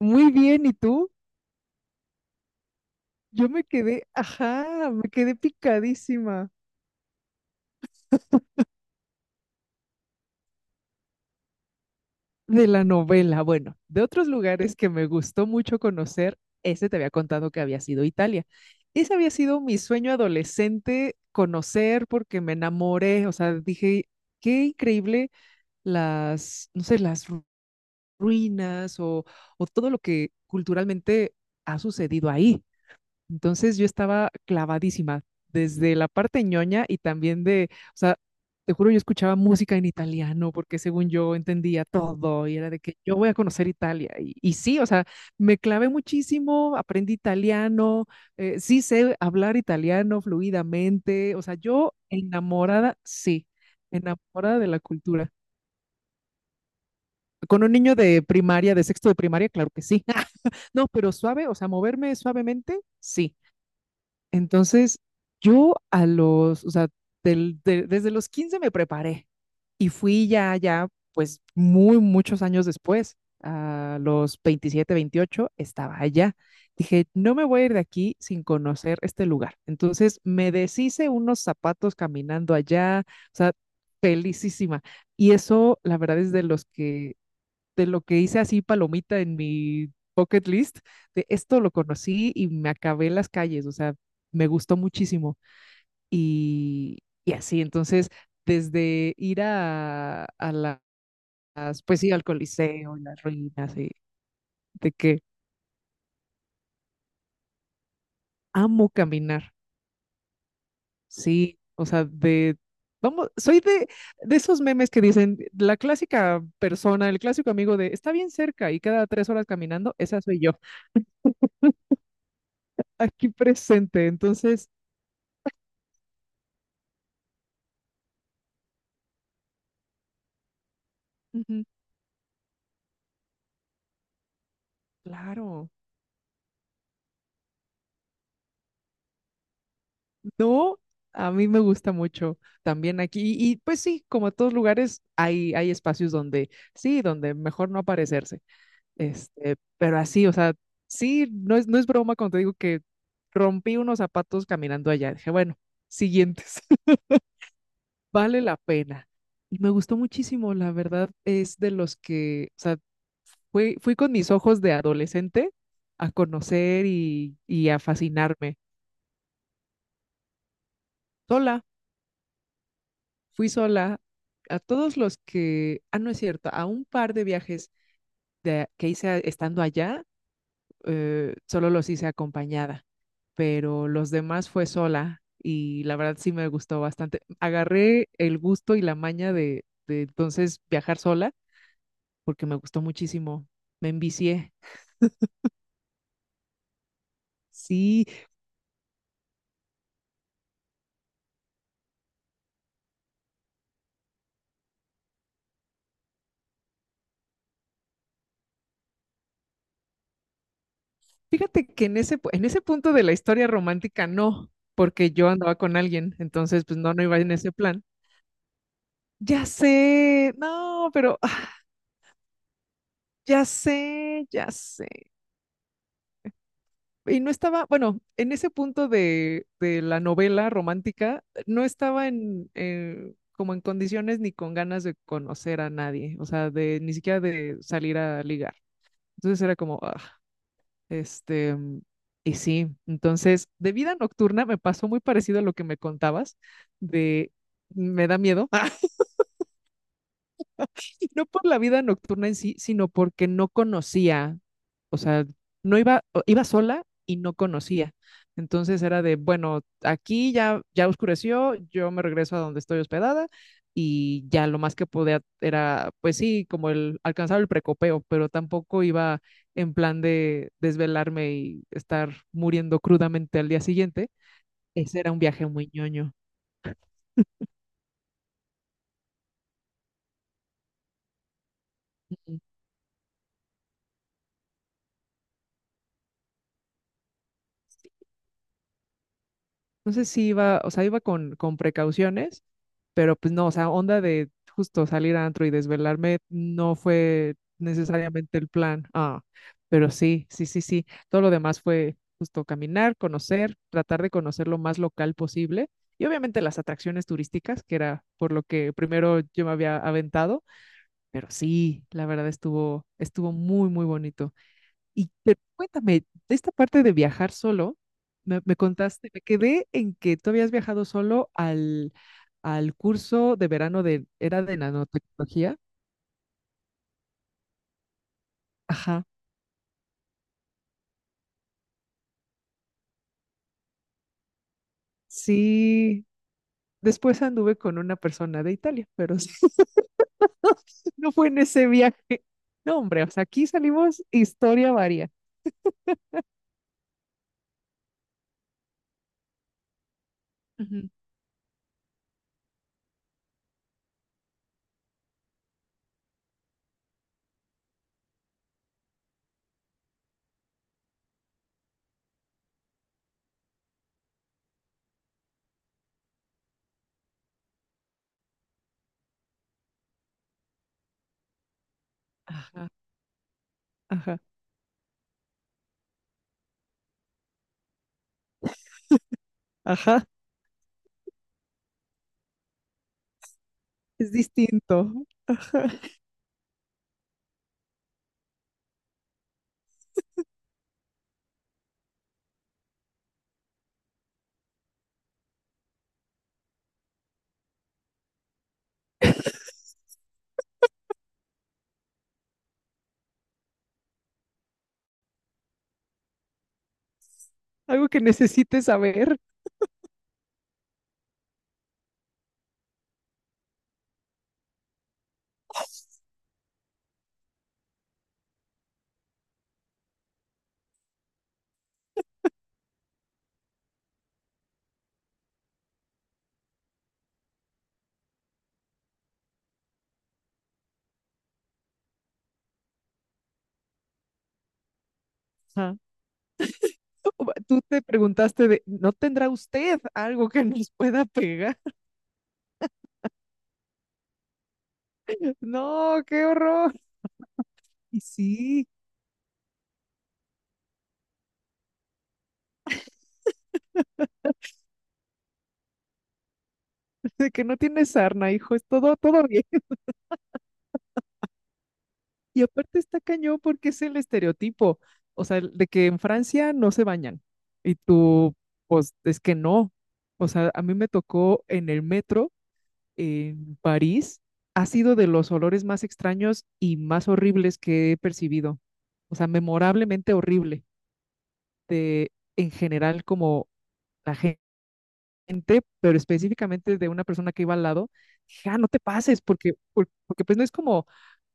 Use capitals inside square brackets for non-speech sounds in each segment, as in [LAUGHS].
Muy bien, ¿y tú? Yo me quedé, ajá, me quedé picadísima de la novela. Bueno, de otros lugares que me gustó mucho conocer, ese te había contado que había sido Italia. Ese había sido mi sueño adolescente, conocer porque me enamoré, o sea, dije, qué increíble las, no sé, ruinas o todo lo que culturalmente ha sucedido ahí. Entonces yo estaba clavadísima desde la parte ñoña y también de, o sea, te juro, yo escuchaba música en italiano porque según yo entendía todo y era de que yo voy a conocer Italia. Y sí, o sea, me clavé muchísimo, aprendí italiano, sí sé hablar italiano fluidamente, o sea, yo enamorada, sí, enamorada de la cultura. Con un niño de primaria, de sexto de primaria, claro que sí. [LAUGHS] No, pero suave, o sea, moverme suavemente, sí. Entonces, yo a los, o sea, desde los 15 me preparé y fui pues muy, muchos años después, a los 27, 28 estaba allá. Dije, no me voy a ir de aquí sin conocer este lugar. Entonces, me deshice unos zapatos caminando allá, o sea, felicísima. Y eso, la verdad, es de los que de lo que hice así palomita en mi bucket list, de esto lo conocí y me acabé en las calles, o sea, me gustó muchísimo. Y, y así, entonces, desde ir a las, pues sí, al Coliseo, y las ruinas, y de que amo caminar, sí, o sea, de... Vamos, soy de esos memes que dicen la clásica persona, el clásico amigo de está bien cerca y cada 3 horas caminando, esa soy yo, [LAUGHS] aquí presente. Entonces, ujú, claro, no, a mí me gusta mucho también aquí. Pues sí, como en todos lugares, hay espacios donde sí, donde mejor no aparecerse. Este, pero así, o sea, sí, no es broma cuando te digo que rompí unos zapatos caminando allá. Dije, bueno, siguientes, [LAUGHS] vale la pena. Y me gustó muchísimo, la verdad, es de los que, o sea, fui con mis ojos de adolescente a conocer y a fascinarme. Sola fui sola a todos los que, ah, no es cierto, a un par de viajes de, que hice estando allá, solo los hice acompañada, pero los demás fue sola y la verdad sí me gustó bastante. Agarré el gusto y la maña de entonces viajar sola porque me gustó muchísimo, me envicié. Sí, fíjate que en ese, en ese punto de la historia romántica no, porque yo andaba con alguien, entonces pues no, no iba en ese plan. Ya sé, no, pero ya sé, ya sé. Y no estaba, bueno, en ese punto de la novela romántica, no estaba en, como en condiciones ni con ganas de conocer a nadie, o sea, de ni siquiera de salir a ligar. Entonces era como, ah, este, y sí, entonces de vida nocturna me pasó muy parecido a lo que me contabas, de me da miedo, [LAUGHS] Y no por la vida nocturna en sí, sino porque no conocía, o sea, no iba, iba sola y no conocía. Entonces era de, bueno, aquí ya, ya oscureció, yo me regreso a donde estoy hospedada y ya lo más que podía era, pues sí, como el alcanzar el precopeo, pero tampoco iba en plan de desvelarme y estar muriendo crudamente al día siguiente. Ese era un viaje muy ñoño. Ujú. Entonces sí iba, o sea, iba con precauciones pero pues no, o sea, onda de justo salir a antro y desvelarme no fue necesariamente el plan. Ah, pero sí, sí, sí, sí. Todo lo demás fue justo caminar, conocer, tratar de conocer lo más local posible y obviamente las atracciones turísticas, que era por lo que primero yo me había aventado, pero sí, la verdad estuvo estuvo muy muy bonito. Y pero cuéntame, de esta parte de viajar solo, me contaste, me quedé en que tú habías viajado solo al, al curso de verano de, era de nanotecnología. Ajá. Sí. Después anduve con una persona de Italia, pero sí, [LAUGHS] no fue en ese viaje. No, hombre, o sea, aquí salimos historia varia. Ujú. Ajá, ajá, ajá. Es distinto. Ajá. [LAUGHS] Algo que necesites saber. Ajá. Tú te preguntaste de, ¿no tendrá usted algo que nos pueda pegar? [LAUGHS] No, qué horror. Y sí, [LAUGHS] de que no tiene sarna, hijo, es todo, todo bien. [LAUGHS] Y aparte está cañón porque es el estereotipo, o sea, el de que en Francia no se bañan. Y tú, pues, es que no. O sea, a mí me tocó en el metro en París, ha sido de los olores más extraños y más horribles que he percibido. O sea, memorablemente horrible de en general como la gente, pero específicamente de una persona que iba al lado, dije, ah, no te pases, porque, porque pues no es como,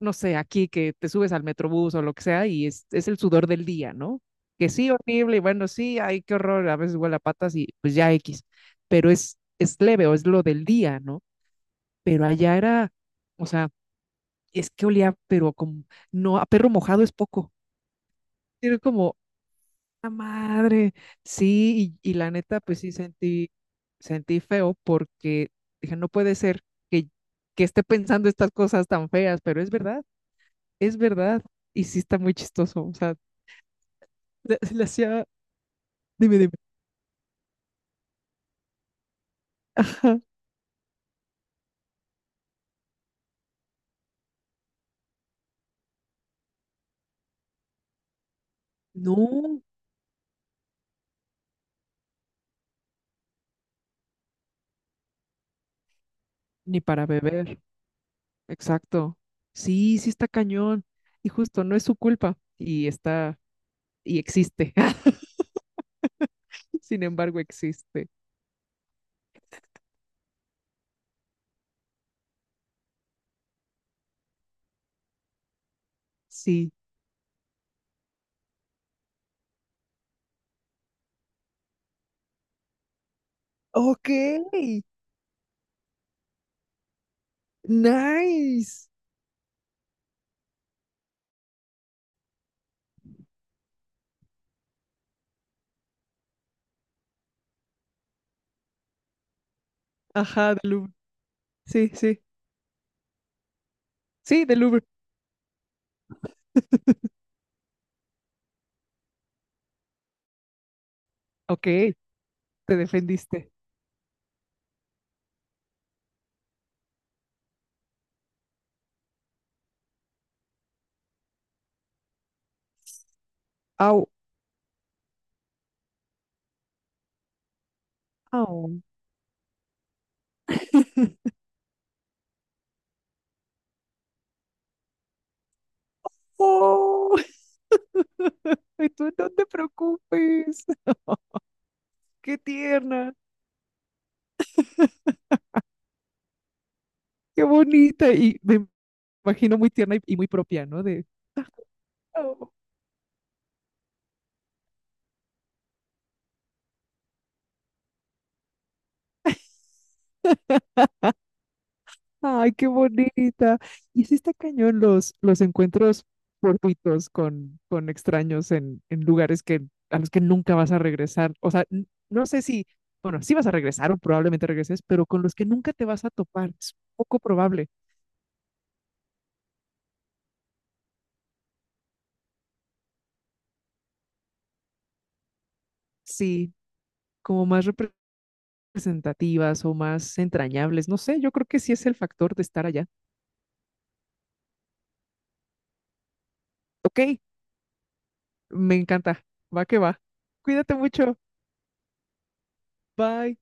no sé, aquí que te subes al metrobús o lo que sea y es el sudor del día, ¿no? Que sí, horrible, y bueno, sí, ay, qué horror, a veces huele a patas y pues ya X, pero es leve o es lo del día, ¿no? Pero allá era, o sea, es que olía, pero como, no, a perro mojado es poco. Era como, la madre. Sí, y la neta, pues sí sentí, sentí feo porque dije, no puede ser que, que esté pensando estas cosas tan feas, pero es verdad, es verdad. Y sí está muy chistoso. O sea, se le hacía, dime, dime. Ajá. No, ni para beber. Exacto. Sí, sí está cañón. Y justo, no es su culpa. Y está, y existe. [LAUGHS] Sin embargo, existe. Sí. Ok. Nice. Ajá, del sí, sí. Sí, del Uber. [LAUGHS] Ok, te defendiste. Au, au. Oh, [LAUGHS] y tú no te preocupes. Qué tierna, qué bonita. Y me imagino muy tierna y muy propia, ¿no? De, "Au". [LAUGHS] Ay, qué bonita. Y sí está cañón los encuentros fortuitos con extraños en lugares que, a los que nunca vas a regresar. O sea, no sé si, bueno, sí vas a regresar o probablemente regreses, pero con los que nunca te vas a topar. Es poco probable. Sí, como más representativas o más entrañables. No sé, yo creo que sí es el factor de estar allá. Ok, me encanta. Va que va. Cuídate mucho. Bye.